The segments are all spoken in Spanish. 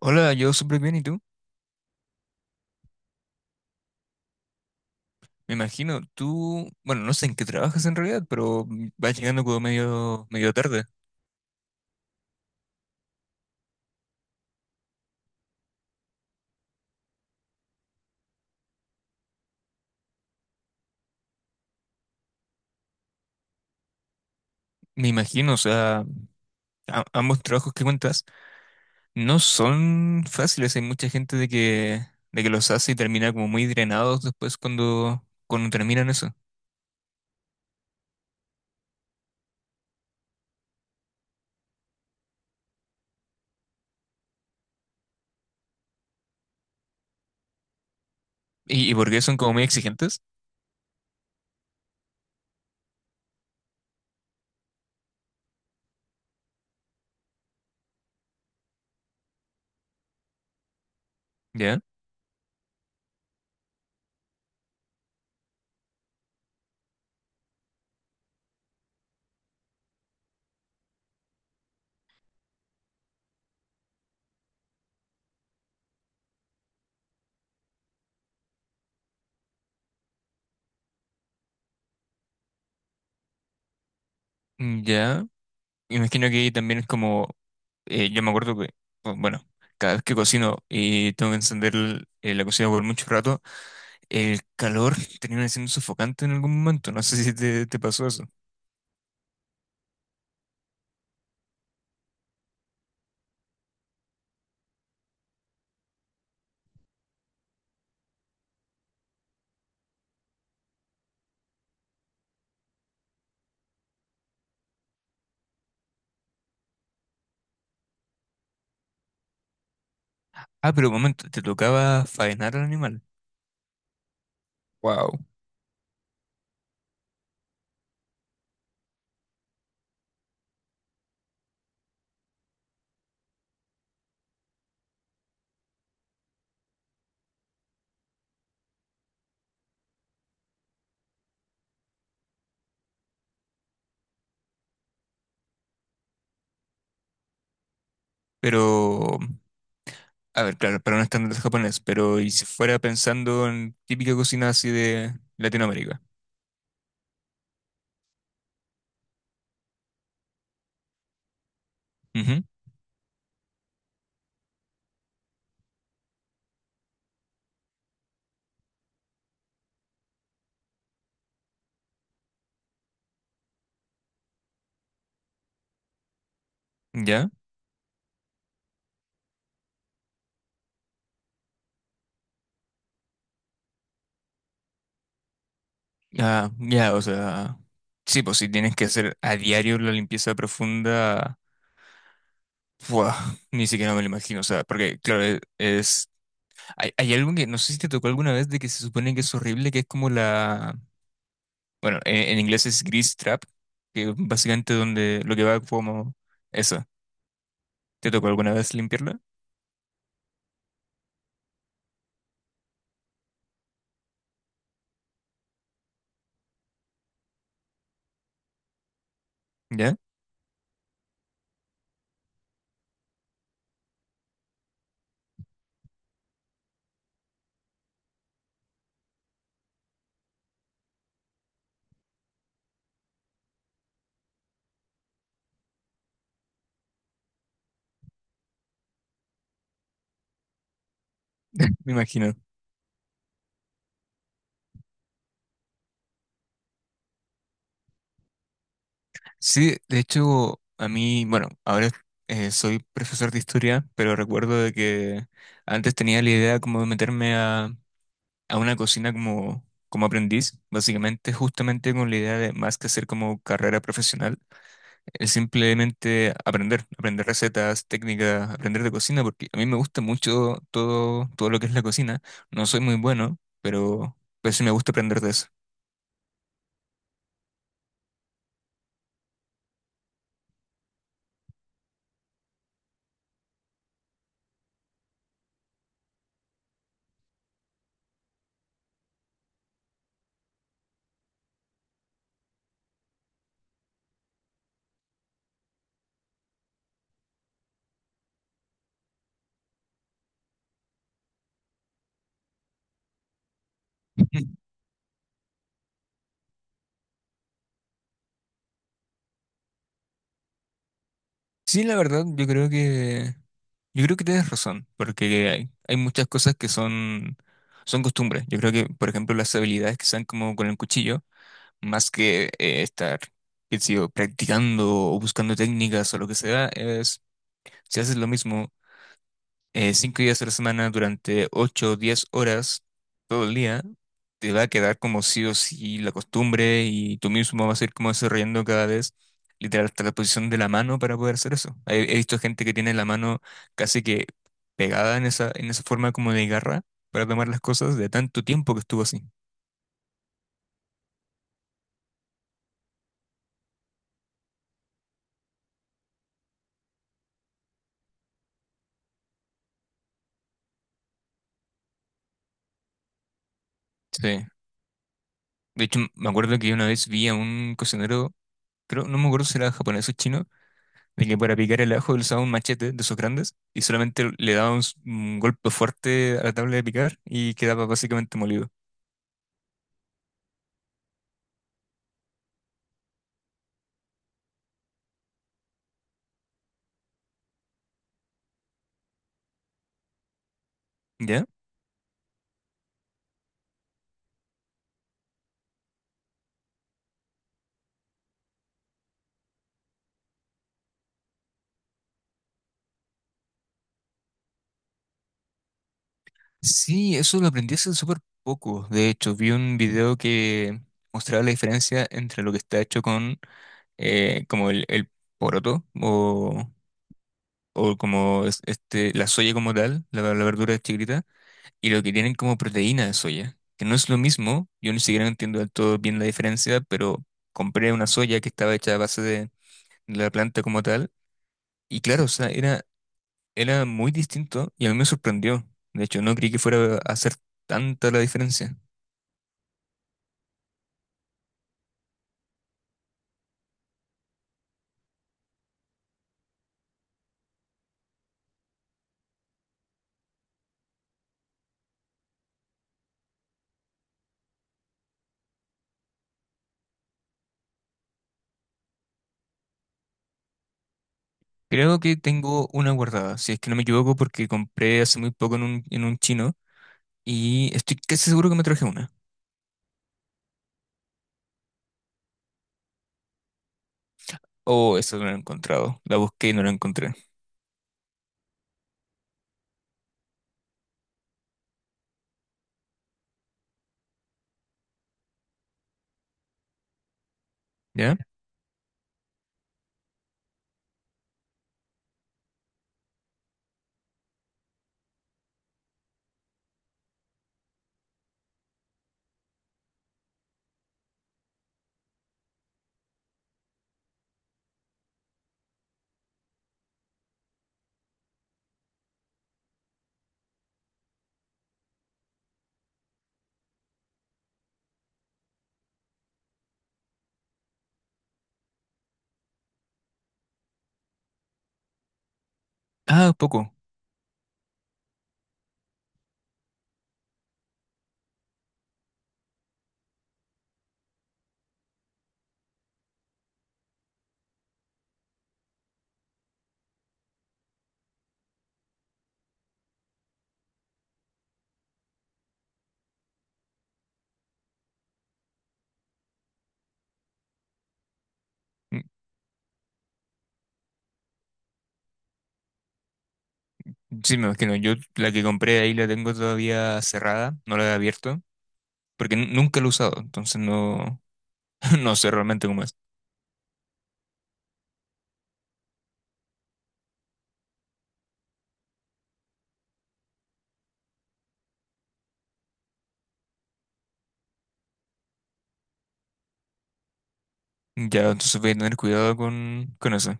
Hola, yo súper bien, ¿y tú? Me imagino, tú, bueno, no sé en qué trabajas en realidad, pero vas llegando como medio tarde. Me imagino, o sea, ambos trabajos que cuentas no son fáciles. Hay mucha gente de que los hace y termina como muy drenados después cuando terminan eso. ¿Y por qué son como muy exigentes? ¿Ya? Ya. Me imagino que ahí también es como, yo me acuerdo que, bueno, cada vez que cocino y tengo que encender la cocina por mucho rato, el calor termina siendo sofocante en algún momento. No sé si te pasó eso. Ah, pero un momento, te tocaba faenar al animal. Wow. Pero, a ver, claro, para un estándar japonés, pero y si fuera pensando en típica cocina así de Latinoamérica. Ujú. ¿Ya? Ah, ya, o sea. Sí, pues si tienes que hacer a diario la limpieza profunda. Buah, ni siquiera me lo imagino. O sea, porque, claro, es. Hay algo que no sé si te tocó alguna vez de que se supone que es horrible, que es como la. Bueno, en inglés es grease trap, que básicamente donde lo que va como eso. ¿Te tocó alguna vez limpiarla? ¿Ya? Me imagino. Sí, de hecho, a mí, bueno, ahora soy profesor de historia, pero recuerdo de que antes tenía la idea como de a una cocina como, como aprendiz, básicamente justamente con la idea de más que hacer como carrera profesional. Es simplemente aprender, aprender recetas, técnicas, aprender de cocina, porque a mí me gusta mucho todo, todo lo que es la cocina. No soy muy bueno, pero sí me gusta aprender de eso. Sí, la verdad, yo creo que tienes razón, porque hay muchas cosas que son costumbres. Yo creo que, por ejemplo, las habilidades que sean como con el cuchillo, más que estar, qué sé yo, practicando o buscando técnicas o lo que sea, es si haces lo mismo 5 días a la semana durante 8 o 10 horas todo el día, te va a quedar como sí o sí la costumbre y tú mismo vas a ir como desarrollando cada vez, literal, hasta la posición de la mano para poder hacer eso. He visto gente que tiene la mano casi que pegada en esa forma como de garra para tomar las cosas de tanto tiempo que estuvo así. Sí. De hecho, me acuerdo que una vez vi a un cocinero, creo, no me acuerdo si era japonés o chino, de que para picar el ajo él usaba un machete de esos grandes y solamente le daba un, un golpe fuerte a la tabla de picar y quedaba básicamente molido. ¿Ya? Sí, eso lo aprendí hace súper poco. De hecho, vi un video que mostraba la diferencia entre lo que está hecho con el poroto o como este, la soya como tal, la verdura chiquita, y lo que tienen como proteína de soya, que no es lo mismo. Yo ni siquiera entiendo del todo bien la diferencia, pero compré una soya que estaba hecha a base de la planta como tal. Y claro, o sea, era muy distinto y a mí me sorprendió. De hecho, no creí que fuera a hacer tanta la diferencia. Creo que tengo una guardada, si es que no me equivoco, porque compré hace muy poco en un chino y estoy casi seguro que me traje una. Oh, esa no la he encontrado. La busqué y no la encontré. ¿Ya? Ah, poco. Mm, sí, me imagino. Yo la que compré ahí la tengo todavía cerrada, no la he abierto, porque nunca la he usado, entonces no, no sé realmente cómo es. Ya, entonces voy a tener cuidado con eso.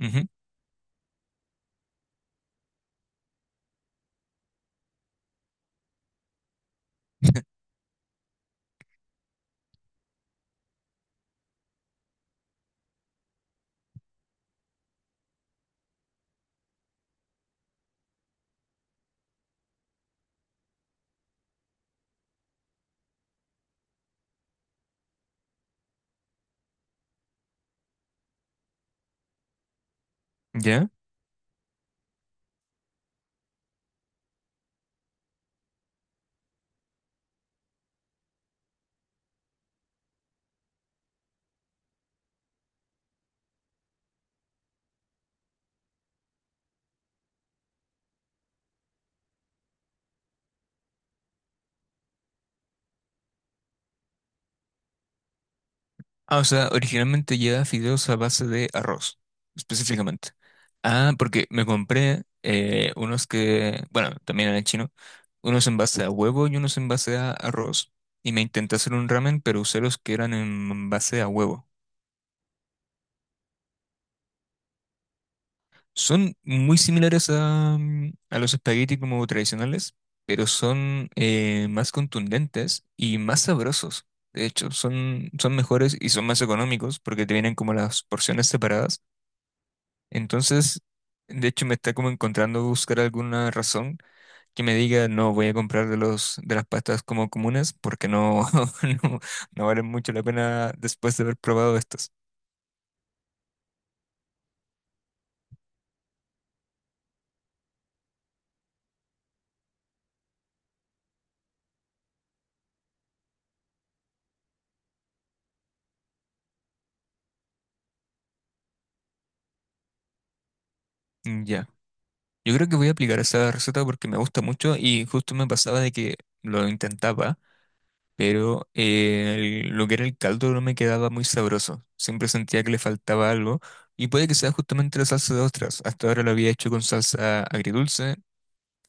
Ujú. ¿Ya? Ah, o sea, originalmente lleva fideos a base de arroz, específicamente. Ah, porque me compré unos que, bueno, también eran chino, unos en base a huevo y unos en base a arroz. Y me intenté hacer un ramen, pero usé los que eran en base a huevo. Son muy similares a, a los espaguetis como tradicionales, pero son más contundentes y más sabrosos. De hecho, son mejores y son más económicos porque te vienen como las porciones separadas. Entonces, de hecho, me está como encontrando buscar alguna razón que me diga, no, voy a comprar de de las pastas como comunes porque no, no, no valen mucho la pena después de haber probado estas. Ya. Yo creo que voy a aplicar esa receta porque me gusta mucho y justo me pasaba de que lo intentaba, pero lo que era el caldo no me quedaba muy sabroso. Siempre sentía que le faltaba algo y puede que sea justamente la salsa de ostras. Hasta ahora lo había hecho con salsa agridulce,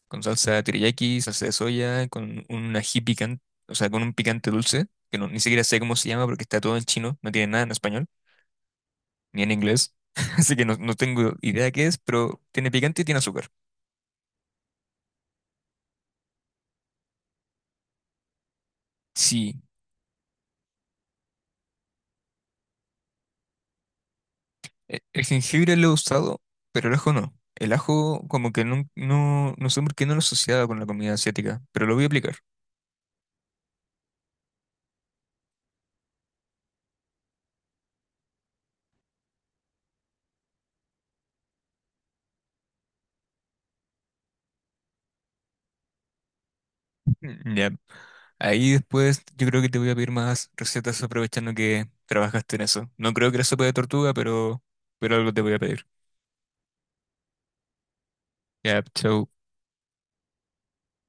con salsa teriyaki, salsa de soya, con un ají picante, o sea, con un picante dulce, que no, ni siquiera sé cómo se llama porque está todo en chino, no tiene nada en español, ni en inglés. Así que no, no tengo idea qué es, pero tiene picante y tiene azúcar. Sí. El jengibre lo he usado, pero el ajo no. El ajo como que no, no sé por qué no lo asociaba con la comida asiática, pero lo voy a aplicar. Mm, ya. Ahí después yo creo que te voy a pedir más recetas aprovechando que trabajaste en eso. No creo que la sopa de tortuga, pero algo te voy a pedir. Ya, chau.